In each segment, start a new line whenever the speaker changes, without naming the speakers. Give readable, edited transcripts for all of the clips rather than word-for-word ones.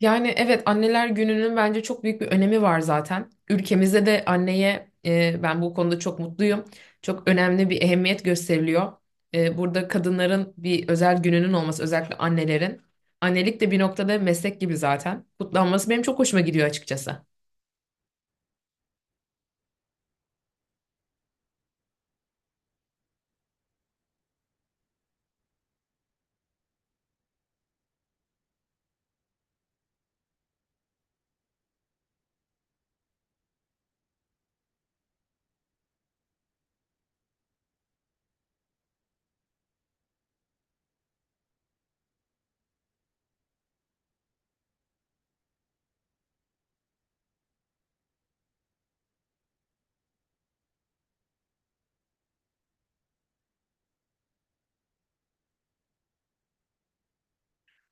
Yani evet anneler gününün bence çok büyük bir önemi var zaten. Ülkemizde de anneye ben bu konuda çok mutluyum. Çok önemli bir ehemmiyet gösteriliyor. Burada kadınların bir özel gününün olması özellikle annelerin. Annelik de bir noktada meslek gibi zaten. Kutlanması benim çok hoşuma gidiyor açıkçası.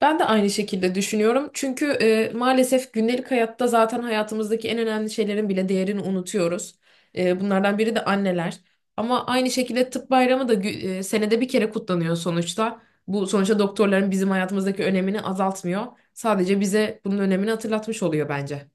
Ben de aynı şekilde düşünüyorum. Çünkü maalesef gündelik hayatta zaten hayatımızdaki en önemli şeylerin bile değerini unutuyoruz. Bunlardan biri de anneler. Ama aynı şekilde tıp bayramı da senede bir kere kutlanıyor sonuçta. Bu sonuçta doktorların bizim hayatımızdaki önemini azaltmıyor. Sadece bize bunun önemini hatırlatmış oluyor bence.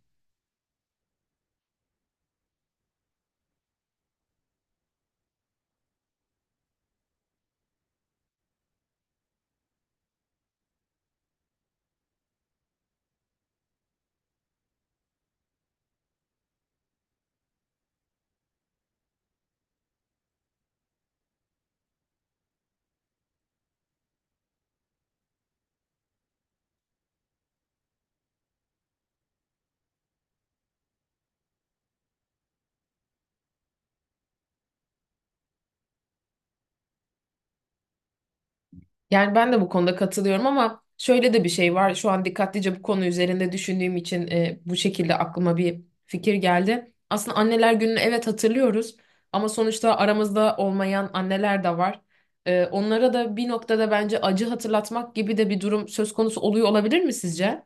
Yani ben de bu konuda katılıyorum ama şöyle de bir şey var. Şu an dikkatlice bu konu üzerinde düşündüğüm için bu şekilde aklıma bir fikir geldi. Aslında anneler gününü evet hatırlıyoruz ama sonuçta aramızda olmayan anneler de var. Onlara da bir noktada bence acı hatırlatmak gibi de bir durum söz konusu oluyor olabilir mi sizce?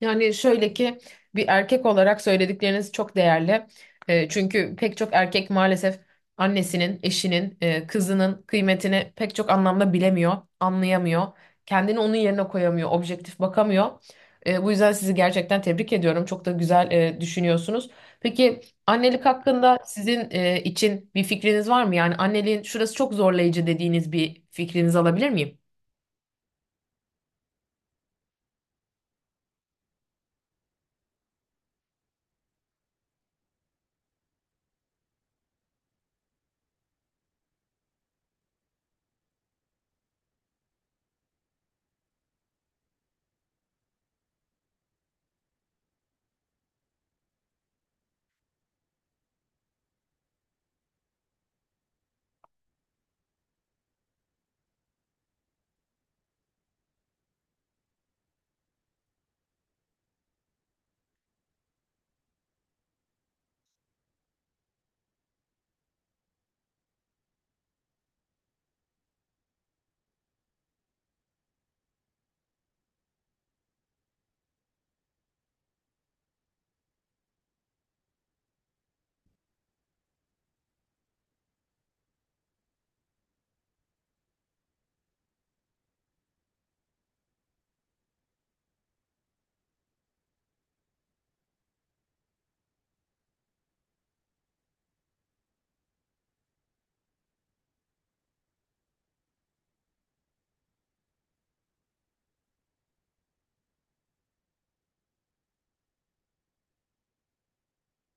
Yani şöyle ki bir erkek olarak söyledikleriniz çok değerli. Çünkü pek çok erkek maalesef annesinin, eşinin, kızının kıymetini pek çok anlamda bilemiyor, anlayamıyor. Kendini onun yerine koyamıyor, objektif bakamıyor. Bu yüzden sizi gerçekten tebrik ediyorum. Çok da güzel düşünüyorsunuz. Peki annelik hakkında sizin için bir fikriniz var mı? Yani anneliğin şurası çok zorlayıcı dediğiniz bir fikrinizi alabilir miyim?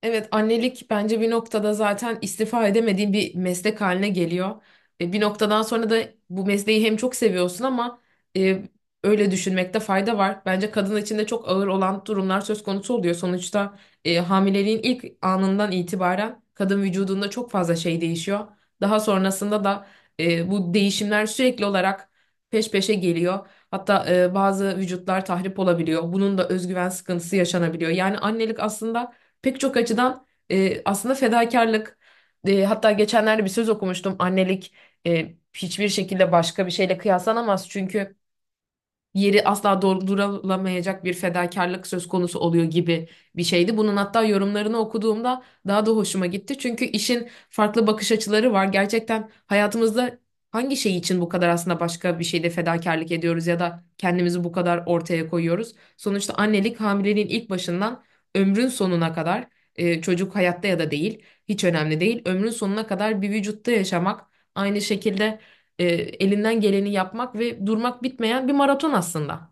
Evet, annelik bence bir noktada zaten istifa edemediğin bir meslek haline geliyor. Bir noktadan sonra da bu mesleği hem çok seviyorsun ama e, öyle düşünmekte fayda var. Bence kadın için de çok ağır olan durumlar söz konusu oluyor. Sonuçta hamileliğin ilk anından itibaren kadın vücudunda çok fazla şey değişiyor. Daha sonrasında da bu değişimler sürekli olarak peş peşe geliyor. Hatta bazı vücutlar tahrip olabiliyor. Bunun da özgüven sıkıntısı yaşanabiliyor. Yani annelik aslında pek çok açıdan aslında fedakarlık, hatta geçenlerde bir söz okumuştum: annelik hiçbir şekilde başka bir şeyle kıyaslanamaz çünkü yeri asla doldurulamayacak bir fedakarlık söz konusu oluyor, gibi bir şeydi. Bunun hatta yorumlarını okuduğumda daha da hoşuma gitti. Çünkü işin farklı bakış açıları var. Gerçekten hayatımızda hangi şey için bu kadar aslında başka bir şeyde fedakarlık ediyoruz ya da kendimizi bu kadar ortaya koyuyoruz? Sonuçta annelik hamileliğin ilk başından ömrün sonuna kadar, çocuk hayatta ya da değil hiç önemli değil. Ömrün sonuna kadar bir vücutta yaşamak, aynı şekilde elinden geleni yapmak ve durmak bitmeyen bir maraton aslında.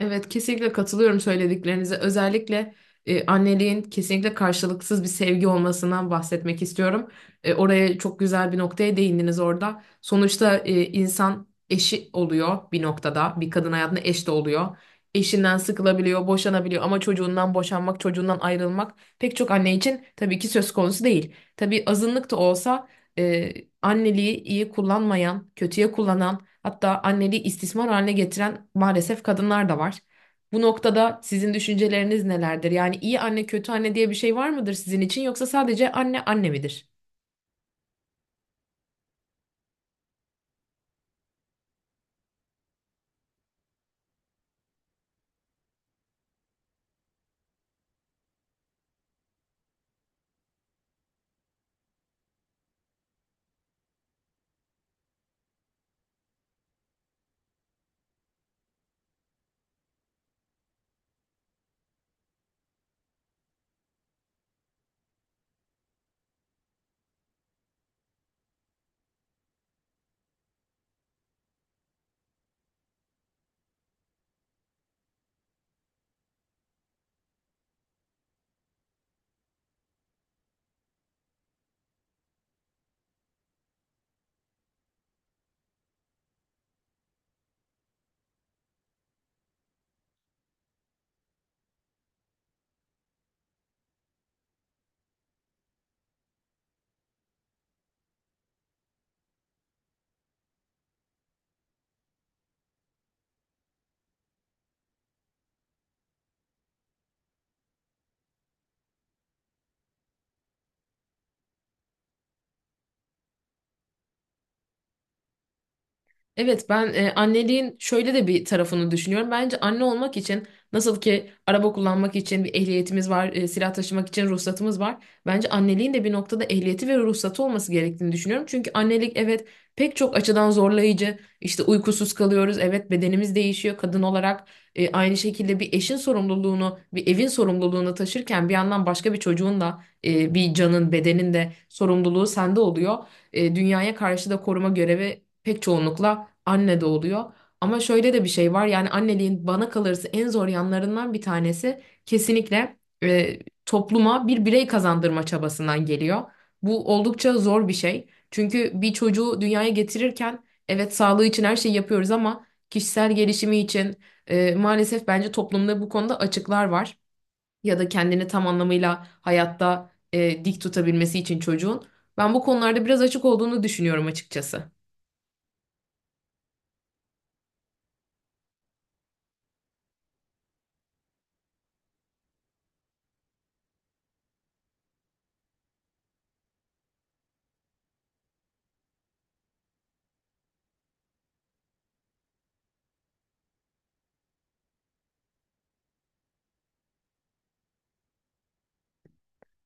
Evet, kesinlikle katılıyorum söylediklerinize. Özellikle anneliğin kesinlikle karşılıksız bir sevgi olmasından bahsetmek istiyorum. Oraya çok güzel bir noktaya değindiniz orada. Sonuçta insan eşi oluyor bir noktada. Bir kadın hayatında eş de oluyor. Eşinden sıkılabiliyor, boşanabiliyor ama çocuğundan boşanmak, çocuğundan ayrılmak pek çok anne için tabii ki söz konusu değil. Tabii azınlık da olsa e, anneliği iyi kullanmayan, kötüye kullanan, hatta anneliği istismar haline getiren maalesef kadınlar da var. Bu noktada sizin düşünceleriniz nelerdir? Yani iyi anne, kötü anne diye bir şey var mıdır sizin için, yoksa sadece anne anne midir? Evet, ben anneliğin şöyle de bir tarafını düşünüyorum. Bence anne olmak için nasıl ki araba kullanmak için bir ehliyetimiz var, silah taşımak için ruhsatımız var. Bence anneliğin de bir noktada ehliyeti ve ruhsatı olması gerektiğini düşünüyorum. Çünkü annelik evet pek çok açıdan zorlayıcı. İşte uykusuz kalıyoruz. Evet, bedenimiz değişiyor kadın olarak. Aynı şekilde bir eşin sorumluluğunu, bir evin sorumluluğunu taşırken bir yandan başka bir çocuğun da, bir canın, bedenin de sorumluluğu sende oluyor. Dünyaya karşı da koruma görevi pek çoğunlukla anne de oluyor. Ama şöyle de bir şey var, yani anneliğin bana kalırsa en zor yanlarından bir tanesi kesinlikle e, topluma bir birey kazandırma çabasından geliyor. Bu oldukça zor bir şey. Çünkü bir çocuğu dünyaya getirirken evet sağlığı için her şeyi yapıyoruz ama kişisel gelişimi için, maalesef bence toplumda bu konuda açıklar var, ya da kendini tam anlamıyla hayatta dik tutabilmesi için çocuğun. Ben bu konularda biraz açık olduğunu düşünüyorum açıkçası.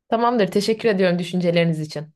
Tamamdır, teşekkür ediyorum düşünceleriniz için.